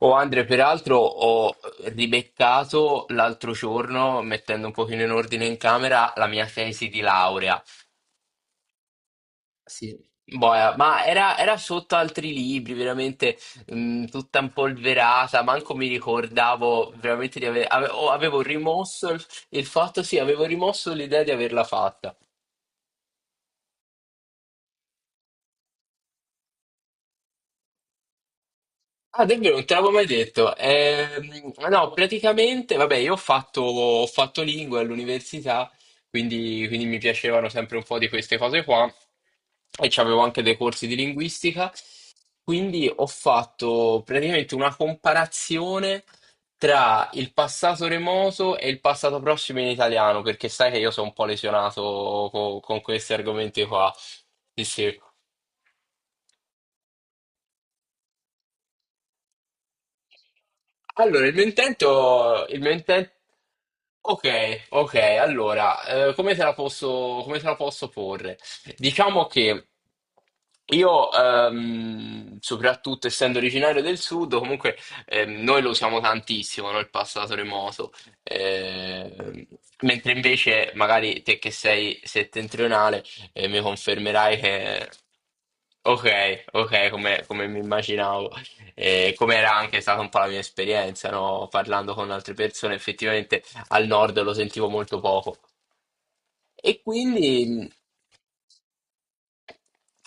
Oh Andre, peraltro ho ribeccato l'altro giorno, mettendo un pochino in ordine in camera, la mia tesi di laurea. Sì. Boia, ma era sotto altri libri, veramente tutta impolverata, manco mi ricordavo veramente di avevo rimosso il fatto, sì, avevo rimosso l'idea di averla fatta. Ah, davvero, non te l'avevo mai detto. No, praticamente, vabbè, io ho fatto lingue all'università, quindi mi piacevano sempre un po' di queste cose qua e c'avevo anche dei corsi di linguistica, quindi ho fatto praticamente una comparazione tra il passato remoto e il passato prossimo in italiano, perché sai che io sono un po' lesionato con questi argomenti qua. Sì, sì. Allora, il mio intento... Ok, ok, allora, come te la posso, come te la posso porre? Diciamo che io, soprattutto essendo originario del sud, comunque noi lo usiamo tantissimo, no? Il passato remoto. Ehm, Mentre invece magari te che sei settentrionale mi confermerai che... Ok, ok, come come mi immaginavo. E come era anche stata un po' la mia esperienza, no? Parlando con altre persone, effettivamente al nord lo sentivo molto poco. E quindi mh,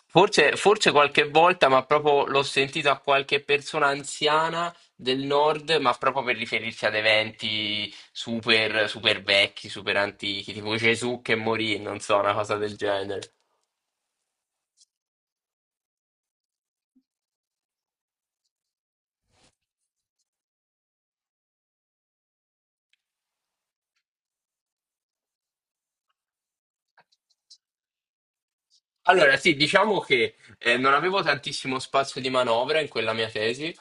forse, forse qualche volta, ma proprio l'ho sentito a qualche persona anziana del nord, ma proprio per riferirsi ad eventi super vecchi, super antichi, tipo Gesù che morì, non so, una cosa del genere. Allora, sì, diciamo che non avevo tantissimo spazio di manovra in quella mia tesi.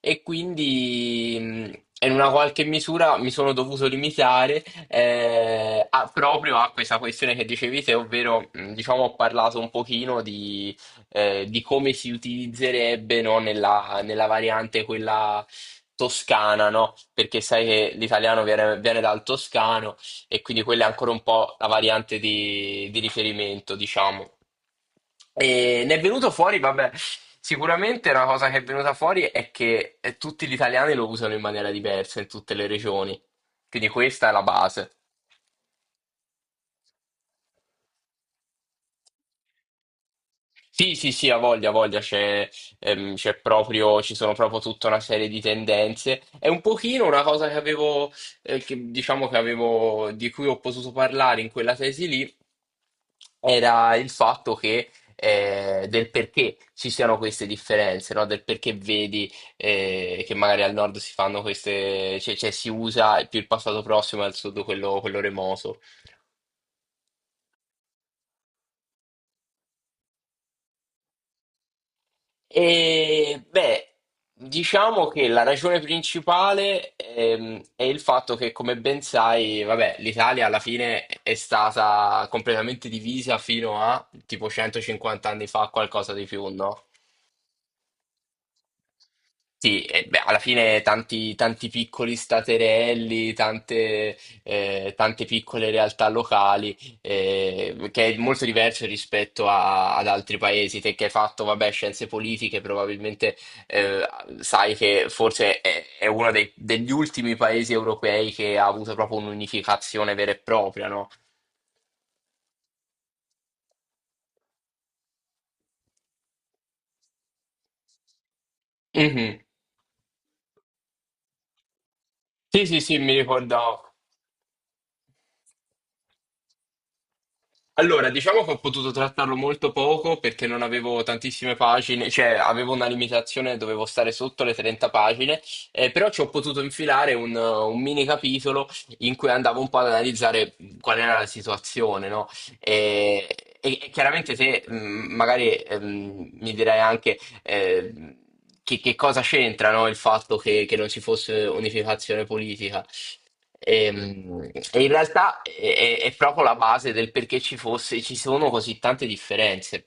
E quindi in una qualche misura mi sono dovuto limitare proprio a questa questione che dicevi te, ovvero diciamo ho parlato un pochino di come si utilizzerebbe no, nella variante quella toscana, no? Perché sai che l'italiano viene dal toscano e quindi quella è ancora un po' la variante di riferimento, diciamo. E ne è venuto fuori, vabbè, sicuramente una cosa che è venuta fuori è che tutti gli italiani lo usano in maniera diversa in tutte le regioni. Quindi questa è la base. Sì, sì, sì, ha voglia, c'è proprio, ci sono proprio tutta una serie di tendenze. È un pochino una cosa che diciamo che avevo, di cui ho potuto parlare in quella tesi lì, era il fatto che, del perché ci siano queste differenze, no? Del perché vedi, che magari al nord si fanno cioè si usa più il passato prossimo e al sud quello remoto. E beh, diciamo che la ragione principale è il fatto che, come ben sai, vabbè, l'Italia alla fine è stata completamente divisa fino a tipo 150 anni fa, qualcosa di più, no? Sì, e beh, alla fine tanti piccoli staterelli, tante piccole realtà locali, che è molto diverso rispetto ad altri paesi. Te che hai fatto, vabbè, scienze politiche, probabilmente eh, sai che forse è degli ultimi paesi europei che ha avuto proprio un'unificazione vera e propria, no? Mhm. Sì, sì, sì, mi ricordavo. Allora, diciamo che ho potuto trattarlo molto poco perché non avevo tantissime pagine, cioè avevo una limitazione, dovevo stare sotto le 30 pagine, però ci ho potuto infilare un mini capitolo in cui andavo un po' ad analizzare qual era la situazione, no? E, e chiaramente se magari mi direi anche che cosa c'entra, no, il fatto che non ci fosse unificazione politica. E, in realtà è proprio la base del perché ci sono così tante differenze.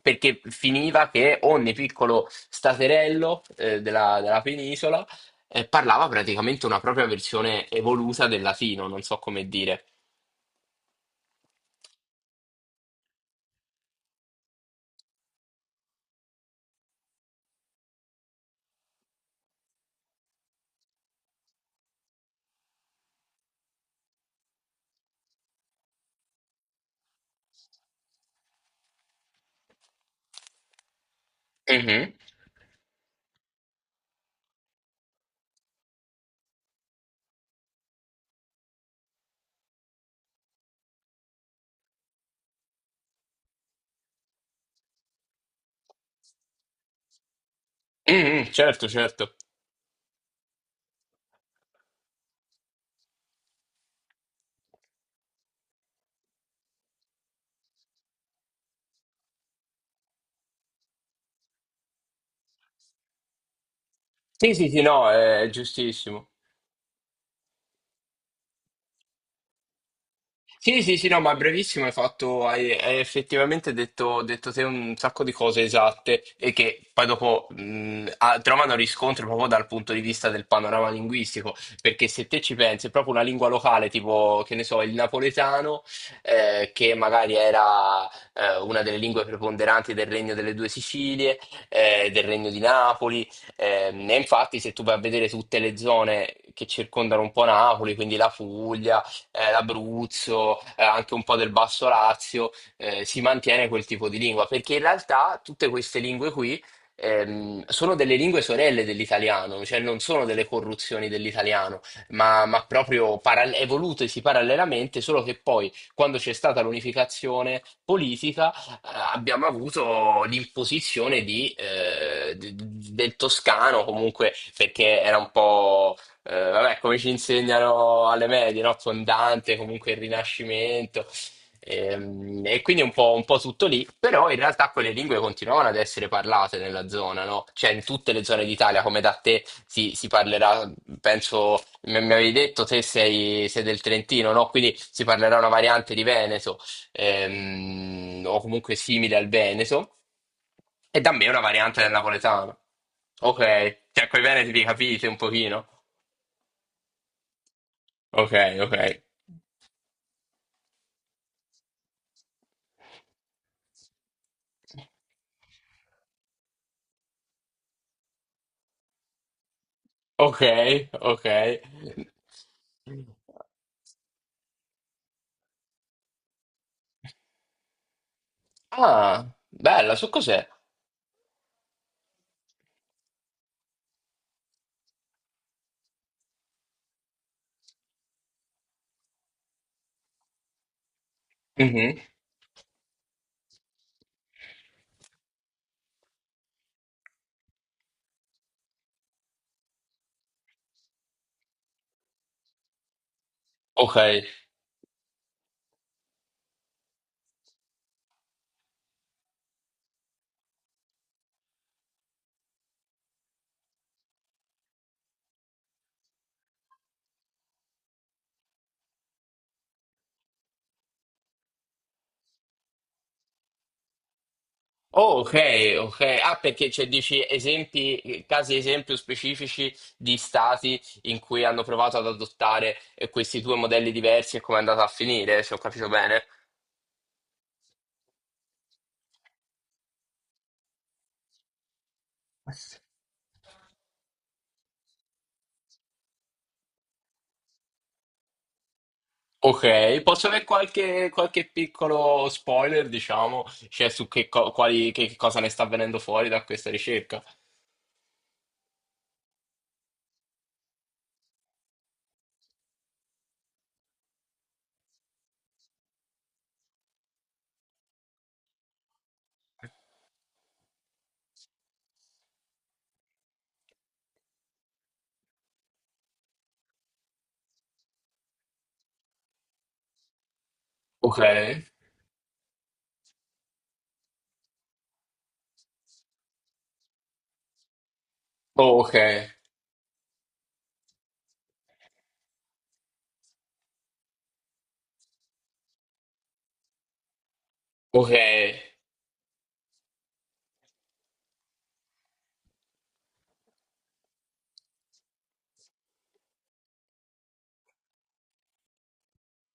Perché finiva che ogni piccolo staterello della penisola parlava praticamente una propria versione evoluta del latino, non so come dire. Mhm. Mhm, certo, certo. Sì, sì, sì, no, è giustissimo. Sì, sì, sì, no, ma brevissimo, hai effettivamente detto te un sacco di cose esatte e che poi dopo trovano riscontro proprio dal punto di vista del panorama linguistico, perché se te ci pensi, è proprio una lingua locale, tipo, che ne so, il napoletano, che magari era una delle lingue preponderanti del Regno delle Due Sicilie, del Regno di Napoli, e infatti se tu vai a vedere tutte le zone che circondano un po' Napoli, quindi la Puglia, l'Abruzzo, anche un po' del Basso Lazio, si mantiene quel tipo di lingua, perché in realtà tutte queste lingue qui sono delle lingue sorelle dell'italiano, cioè non sono delle corruzioni dell'italiano, ma proprio evolutesi parallelamente, solo che poi, quando c'è stata l'unificazione politica, abbiamo avuto l'imposizione di, del toscano, comunque perché era un po'. Vabbè, come ci insegnano alle medie, no? Con Dante, comunque il Rinascimento. Quindi un po' tutto lì, però in realtà quelle lingue continuavano ad essere parlate nella zona, no? Cioè in tutte le zone d'Italia, come da te si parlerà, penso, mi avevi detto, sei del Trentino, no? Quindi si parlerà una variante di Veneto, o comunque simile al Veneto, e da me una variante del napoletano. Ok, cioè coi veneti vi capite un pochino. Ok, ok, ok, ok. Ah, bella, su cos'è? Mhm. Ok. Oh, ok, ok. Ah, perché cioè, dici esempi, casi esempio specifici di stati in cui hanno provato ad adottare questi due modelli diversi e come è andata a finire, se ho capito bene. Ok, posso avere qualche piccolo spoiler, diciamo, cioè su che, co- quali, che cosa ne sta avvenendo fuori da questa ricerca? Ok. Oh, ok, ok.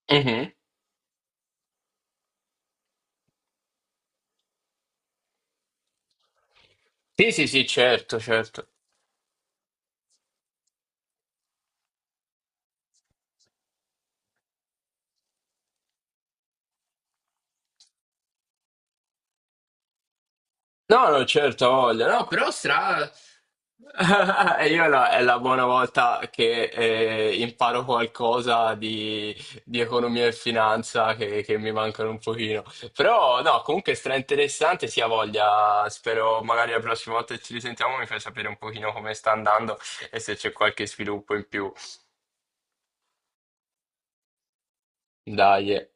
Mhm. Sì, sì, sì, certo, certo. No, no, certo, ha voglia, no, però stra... E io è la buona volta che imparo qualcosa di economia e finanza che mi mancano un pochino. Però no, comunque stra interessante, sì, ha voglia. Spero magari la prossima volta che ci risentiamo mi fai sapere un pochino come sta andando e se c'è qualche sviluppo in più. Dai. Eh.